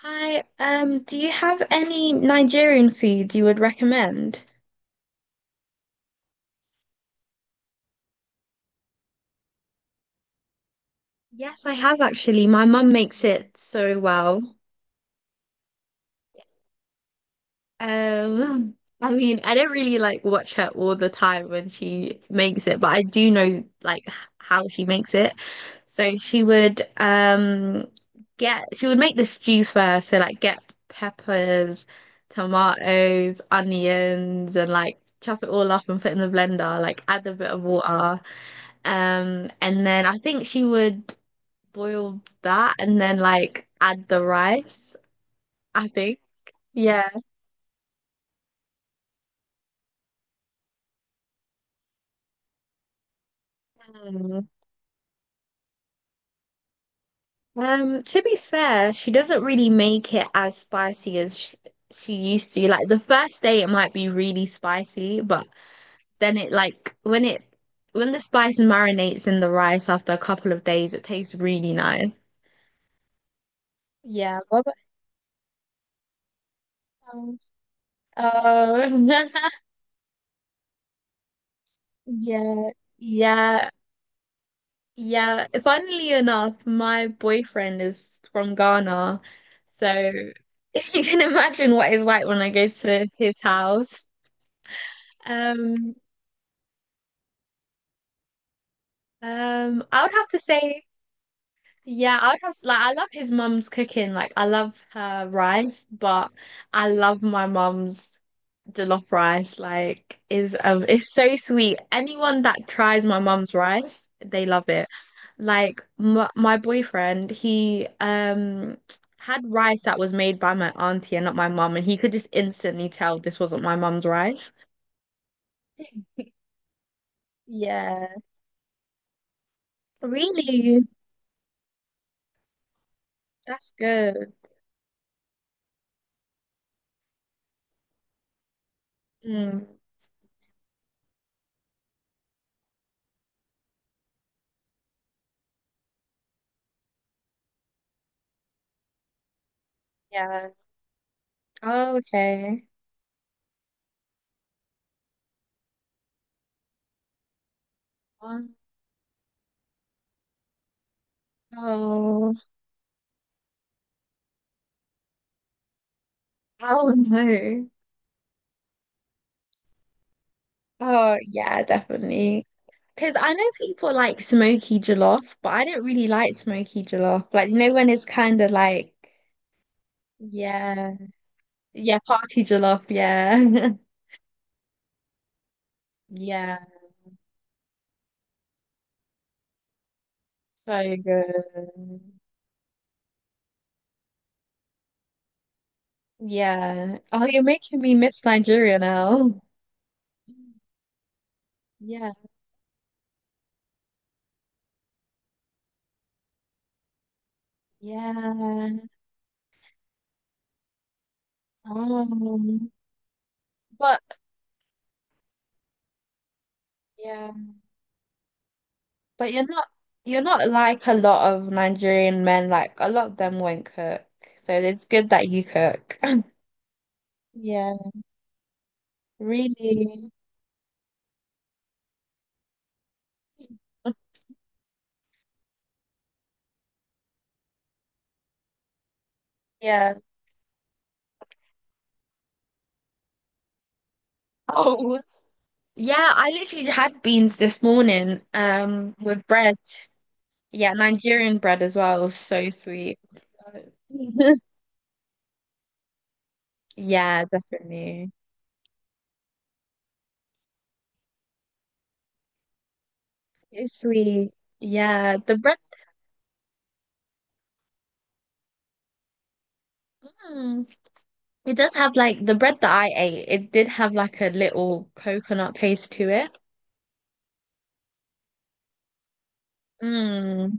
Hi, do you have any Nigerian foods you would recommend? Yes, I have actually. My mum makes it so well. Um, I mean, I don't really like watch her all the time when she makes it, but I do know how she makes it. So she would get she would make the stew first, so like get peppers, tomatoes, onions, and like chop it all up and put in the blender, like add a bit of water. And then I think she would boil that and then like add the rice, I think. Yeah. Mm. To be fair, she doesn't really make it as spicy as she used to. Like the first day it might be really spicy, but then it like when it when the spice marinates in the rice after a couple of days, it tastes really nice. Yeah, what about, um, oh, yeah, yeah. Yeah, funnily enough, my boyfriend is from Ghana, so you can imagine what it's like when I go to his house. Um, I would have to say, yeah, I would have like I love his mum's cooking. Like I love her rice, but I love my mum's jollof rice like is it's so sweet. Anyone that tries my mum's rice, they love it. Like my boyfriend, he had rice that was made by my auntie and not my mum, and he could just instantly tell this wasn't my mum's rice. Yeah. Really? That's good. Mm, yeah. Oh, okay. Oh, no. Oh, no. Oh yeah, definitely. Because I know people like smoky jollof, but I don't really like smoky jollof. Like, you know, when it's kind of like, yeah, yeah, party jollof, yeah. Yeah, so good. Yeah. Oh, you're making me miss Nigeria now. Yeah, yeah. Um, but yeah, but you're not like a lot of Nigerian men, like a lot of them won't cook. So it's good that you cook. Yeah, really. Yeah. Oh, yeah. I literally had beans this morning, with bread. Yeah, Nigerian bread as well. So sweet. Yeah, definitely. It's sweet. Yeah, the bread. Mm, it does have like the bread that I ate. It did have like a little coconut taste to it. Mm,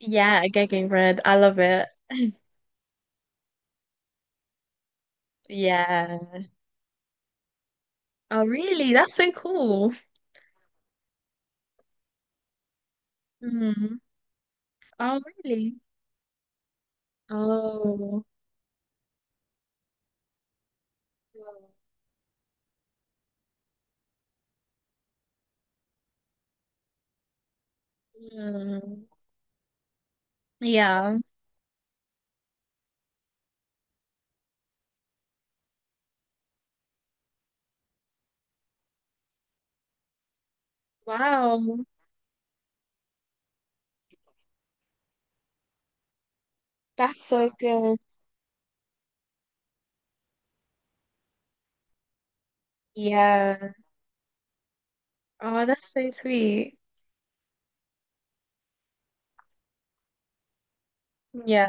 yeah, agege bread. I love it. Yeah. Oh, really? That's so cool. Mm. Oh, really? Oh. Mm, yeah. Wow. That's so good. Yeah. Oh, that's so sweet. Yeah.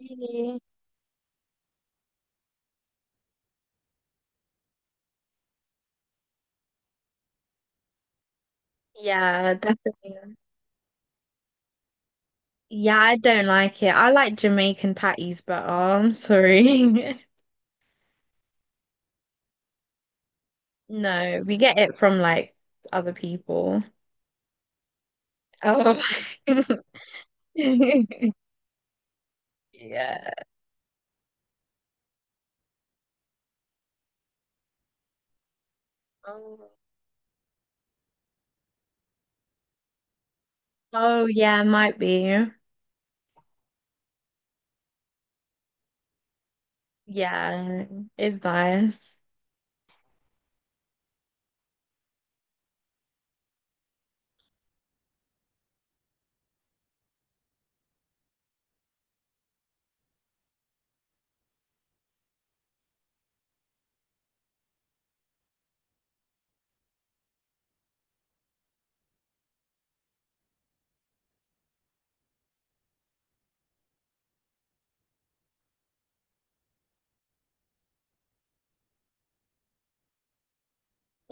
Really? Yeah, definitely. Yeah, I don't like it. I like Jamaican patties, but oh, I'm sorry. No, we get it from like other people. Oh. Yeah. Oh. Oh, yeah, might be. Yeah, it's nice.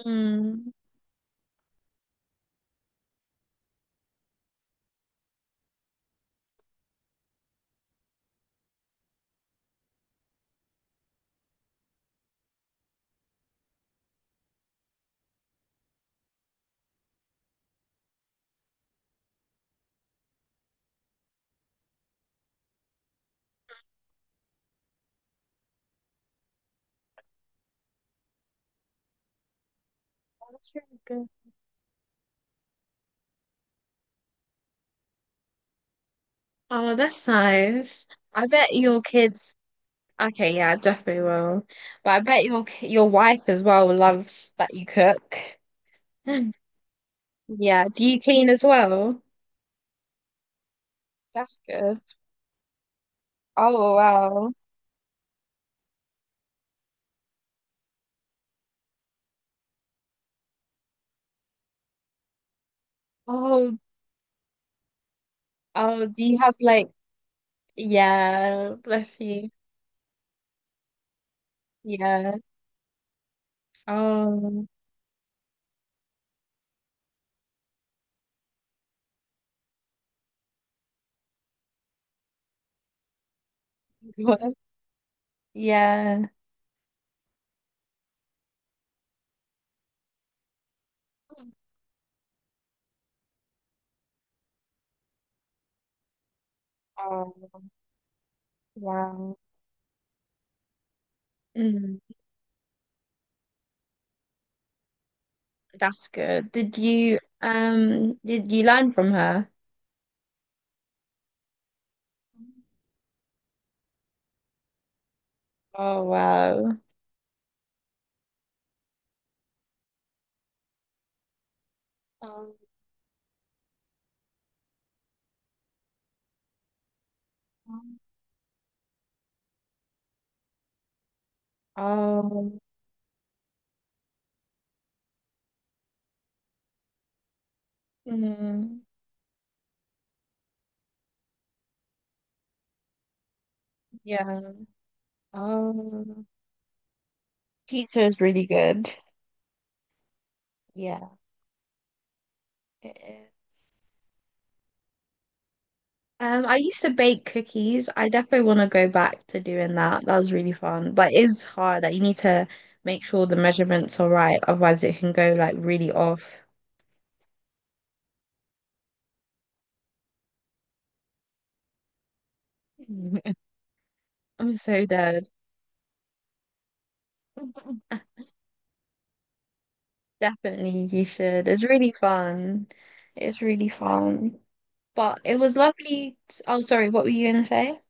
Mm. That's really good. Oh, that's nice. I bet your kids. Okay, yeah, I definitely will. But I bet your wife as well loves that you cook. Yeah. Do you clean as well? That's good. Oh wow. Oh oh. Do you have like? Yeah. Bless you. Yeah. Oh. Yeah. Oh wow. Mm, that's good. Did you learn from her? Oh wow. Oh. Um, mm, yeah. um, pizza is really good. Yeah, it is. I used to bake cookies. I definitely want to go back to doing that. That was really fun, but it's hard. Like you need to make sure the measurements are right, otherwise it can go like really off. I'm so dead. Definitely, you should. It's really fun. It's really fun. But it was lovely. Oh, sorry. What were you gonna say?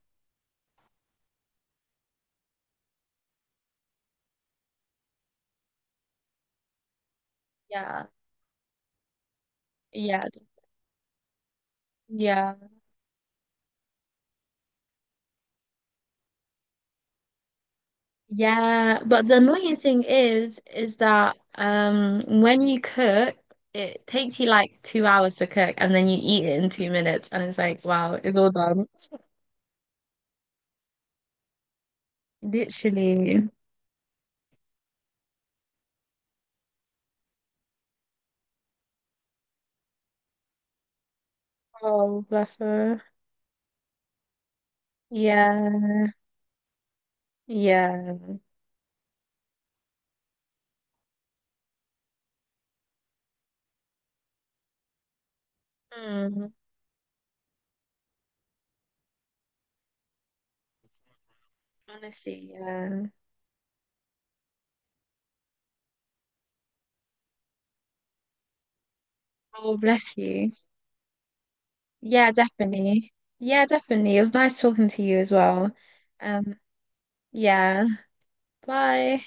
Yeah. Yeah. Yeah. Yeah. But the annoying thing is, that when you cook, it takes you like 2 hours to cook and then you eat it in 2 minutes and it's like, wow, it's all done. Literally. Oh, bless her. Yeah. Yeah. Mm, honestly, yeah. Oh, bless you. Yeah, definitely. Yeah, definitely. It was nice talking to you as well. Um, yeah. Bye.